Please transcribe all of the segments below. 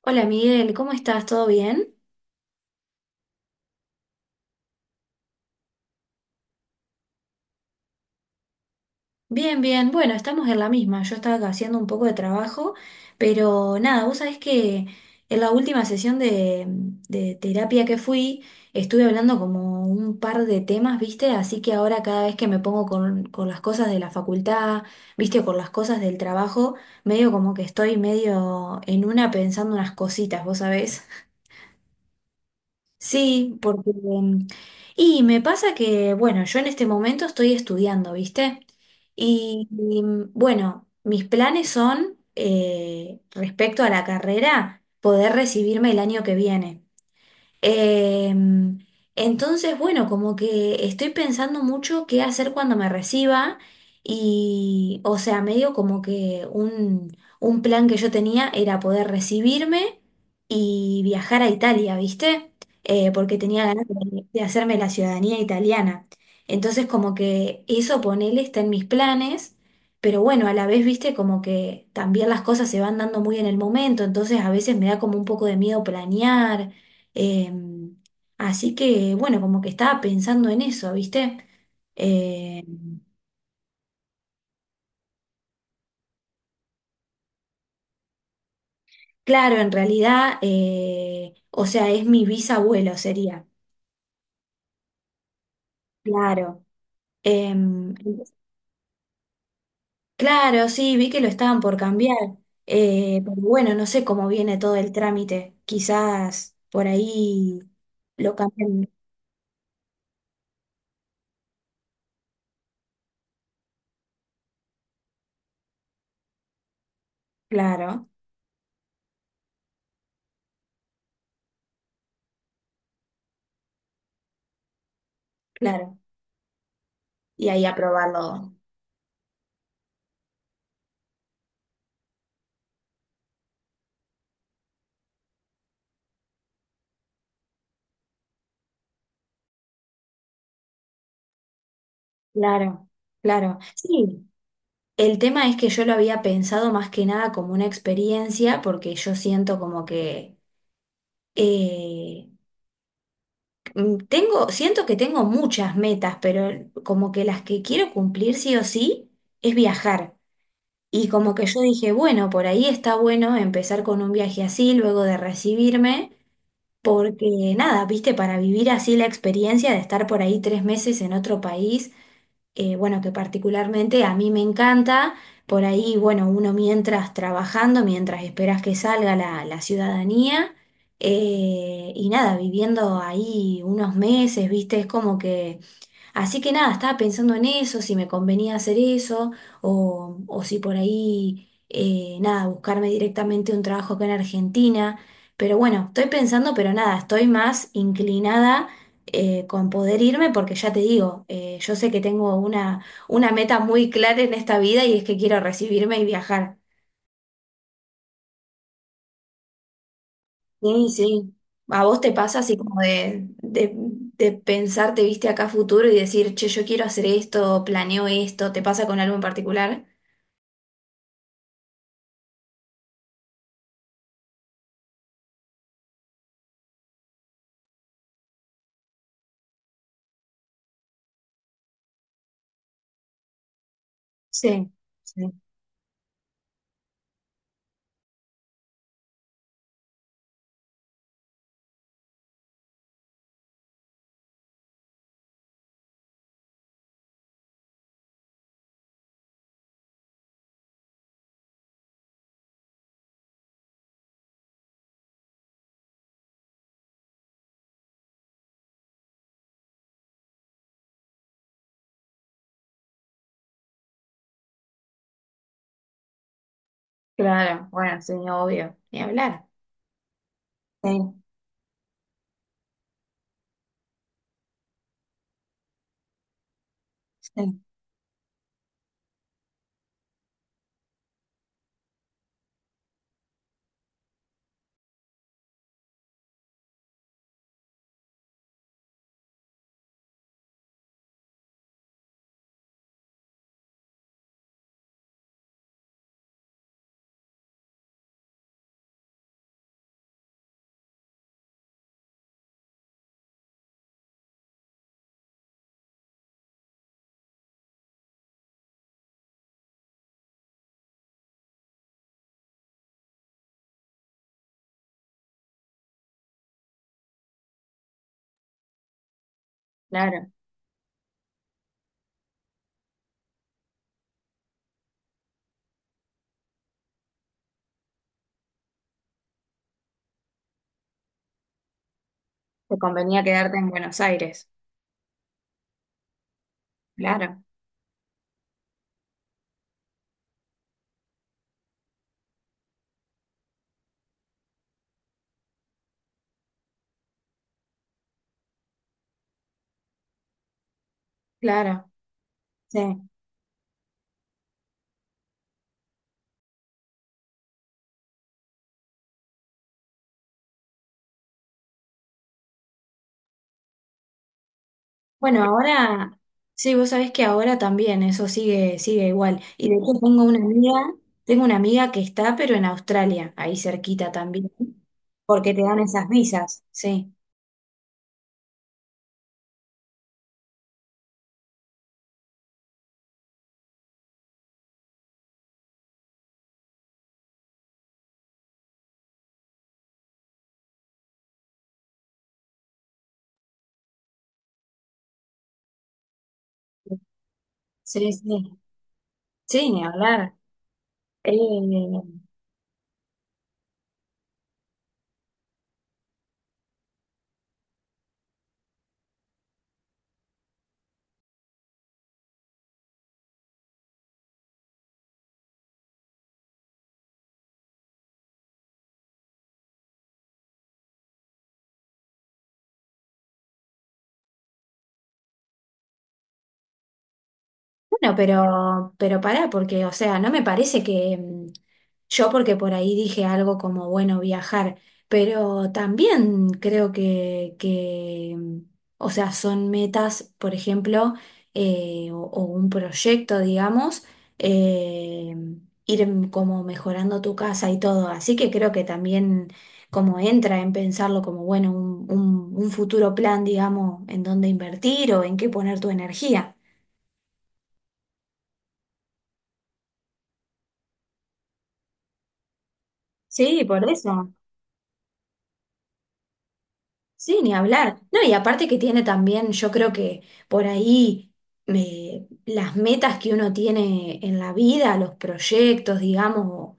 Hola Miguel, ¿cómo estás? ¿Todo bien? Bien, bien. Bueno, estamos en la misma. Yo estaba acá haciendo un poco de trabajo, pero nada, vos sabés que en la última sesión de terapia que fui, estuve hablando como un par de temas, ¿viste? Así que ahora cada vez que me pongo con las cosas de la facultad, ¿viste? O con las cosas del trabajo, medio como que estoy medio en una pensando unas cositas, ¿vos sabés? Sí, porque... y me pasa que, bueno, yo en este momento estoy estudiando, ¿viste? Bueno, mis planes son, respecto a la carrera, poder recibirme el año que viene. Em, entonces, bueno, como que estoy pensando mucho qué hacer cuando me reciba y, o sea, medio como que un plan que yo tenía era poder recibirme y viajar a Italia, ¿viste? Porque tenía ganas de hacerme la ciudadanía italiana. Entonces, como que eso, ponele, está en mis planes, pero bueno, a la vez, ¿viste? Como que también las cosas se van dando muy en el momento, entonces a veces me da como un poco de miedo planear. Em, así que, bueno, como que estaba pensando en eso, ¿viste? Eh, claro, en realidad, o sea, es mi bisabuelo, sería. Claro. Em, claro, sí, vi que lo estaban por cambiar. Pero bueno, no sé cómo viene todo el trámite. Quizás por ahí lo cambien. Claro, claro. Y ahí aprobarlo. Claro, claro. Sí. El tema es que yo lo había pensado más que nada como una experiencia, porque yo siento como que eh, tengo, siento que tengo muchas metas, pero como que las que quiero cumplir sí o sí es viajar. Y como que yo dije, bueno, por ahí está bueno empezar con un viaje así, luego de recibirme, porque nada, viste, para vivir así la experiencia de estar por ahí tres meses en otro país bueno, que particularmente a mí me encanta. Por ahí, bueno, uno mientras trabajando, mientras esperas que salga la ciudadanía, y nada, viviendo ahí unos meses, viste, es como que así que nada, estaba pensando en eso, si me convenía hacer eso, o si por ahí, nada, buscarme directamente un trabajo acá en Argentina. Pero bueno, estoy pensando, pero nada, estoy más inclinada con poder irme, porque ya te digo, yo sé que tengo una meta muy clara en esta vida y es que quiero recibirme y viajar. Sí, sí. ¿A vos te pasa así como de pensarte, viste, acá a futuro y decir, che, yo quiero hacer esto, planeo esto? ¿Te pasa con algo en particular? Sí, sí, claro, bueno, sí, obvio, ni hablar. Sí, sí, claro. Te convenía quedarte en Buenos Aires, claro, claro, sí. Bueno, ahora, sí, vos sabés que ahora también eso sigue, sigue igual. Y de hecho tengo una amiga que está, pero en Australia, ahí cerquita también, porque te dan esas visas, sí. Sí, sí. Sí, ni hablar. Eh, Bueno, pero pará, porque, o sea, no me parece que yo, porque por ahí dije algo como, bueno, viajar, pero también creo que, o sea, son metas, por ejemplo, o un proyecto, digamos, eh, ir como mejorando tu casa y todo. Así que creo que también como entra en pensarlo como, bueno, un un futuro plan, digamos, en dónde invertir o en qué poner tu energía. Sí, por eso. Sí, ni hablar. No, y aparte que tiene también, yo creo que por ahí las metas que uno tiene en la vida, los proyectos, digamos,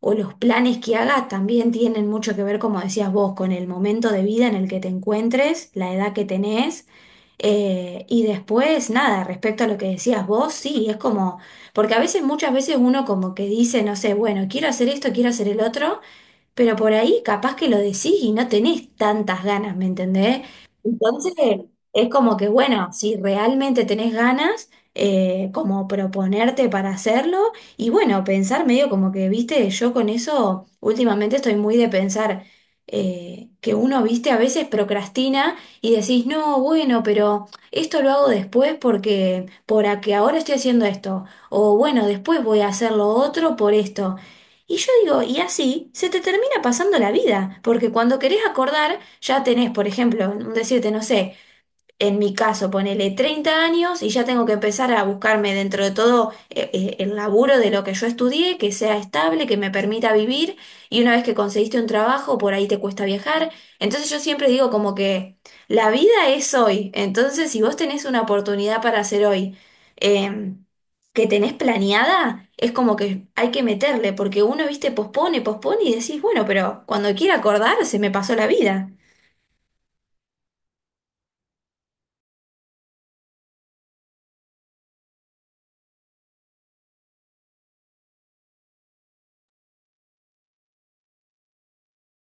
o los planes que hagas, también tienen mucho que ver, como decías vos, con el momento de vida en el que te encuentres, la edad que tenés. Y después, nada, respecto a lo que decías vos, sí, es como, porque a veces, muchas veces uno como que dice, no sé, bueno, quiero hacer esto, quiero hacer el otro, pero por ahí capaz que lo decís y no tenés tantas ganas, ¿me entendés? Entonces, es como que, bueno, si realmente tenés ganas, como proponerte para hacerlo y bueno, pensar medio como que, viste, yo con eso últimamente estoy muy de pensar. Que uno, viste, a veces procrastina y decís, no, bueno, pero esto lo hago después porque, por a que ahora estoy haciendo esto, o bueno, después voy a hacer lo otro por esto. Y yo digo, y así se te termina pasando la vida, porque cuando querés acordar, ya tenés, por ejemplo, un decirte, no sé, en mi caso, ponele 30 años y ya tengo que empezar a buscarme dentro de todo el laburo de lo que yo estudié, que sea estable, que me permita vivir, y una vez que conseguiste un trabajo, por ahí te cuesta viajar. Entonces yo siempre digo como que la vida es hoy, entonces si vos tenés una oportunidad para hacer hoy eh, que tenés planeada, es como que hay que meterle, porque uno, viste, pospone, pospone y decís, bueno, pero cuando quiera acordar se me pasó la vida.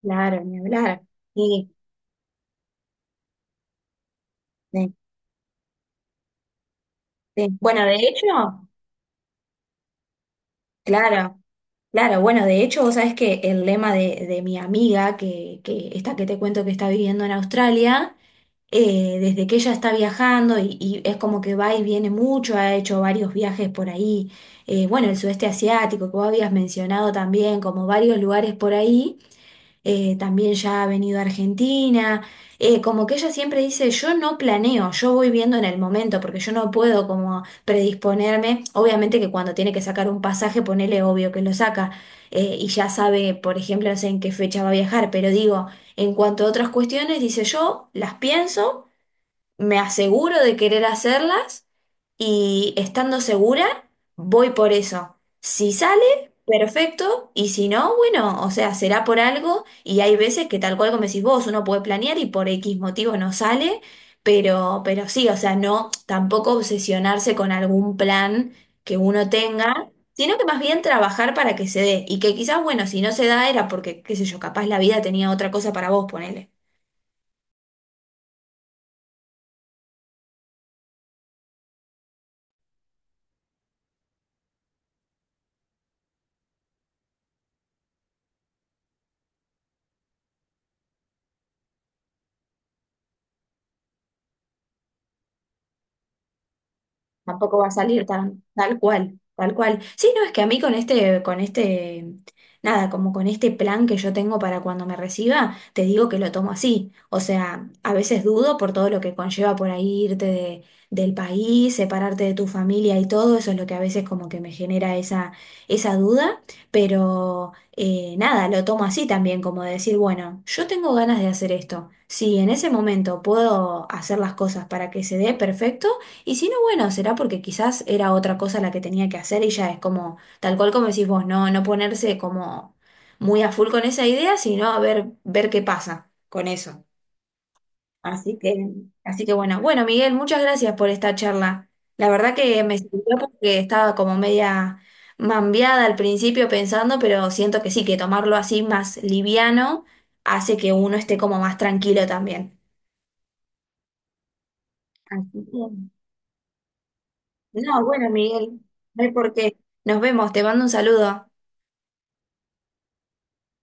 Claro, ni hablar. Sí. Sí. Bueno, de hecho, claro, claro, bueno, de hecho, vos sabés que el lema de mi amiga, que esta que te cuento que está viviendo en Australia, desde que ella está viajando y es como que va y viene mucho, ha hecho varios viajes por ahí, bueno, el sudeste asiático, que vos habías mencionado también, como varios lugares por ahí. También ya ha venido a Argentina, como que ella siempre dice, yo no planeo, yo voy viendo en el momento, porque yo no puedo como predisponerme, obviamente que cuando tiene que sacar un pasaje, ponele obvio que lo saca, y ya sabe, por ejemplo, no sé en qué fecha va a viajar, pero digo, en cuanto a otras cuestiones, dice, yo las pienso, me aseguro de querer hacerlas y estando segura, voy por eso. Si sale, perfecto, y si no, bueno, o sea, será por algo, y hay veces que tal cual como decís vos, uno puede planear y por X motivo no sale, pero sí, o sea, no tampoco obsesionarse con algún plan que uno tenga, sino que más bien trabajar para que se dé, y que quizás, bueno, si no se da era porque, qué sé yo, capaz la vida tenía otra cosa para vos, ponele. Tampoco va a salir tan, tal cual, tal cual. Sí, no, es que a mí nada, como con este plan que yo tengo para cuando me reciba, te digo que lo tomo así. O sea, a veces dudo por todo lo que conlleva por ahí irte de- del país, separarte de tu familia y todo, eso es lo que a veces como que me genera esa duda, pero nada, lo tomo así también, como de decir, bueno, yo tengo ganas de hacer esto. Si en ese momento puedo hacer las cosas para que se dé, perfecto. Y si no, bueno, será porque quizás era otra cosa la que tenía que hacer y ya es como, tal cual como decís vos, no, no ponerse como muy a full con esa idea, sino a ver, ver qué pasa con eso. Así que, así que bueno, bueno, Miguel, muchas gracias por esta charla. La verdad que me sirvió porque estaba como media mambiada al principio pensando, pero siento que sí, que tomarlo así más liviano hace que uno esté como más tranquilo también. Así que no, bueno, Miguel, no hay por qué. Nos vemos, te mando un saludo.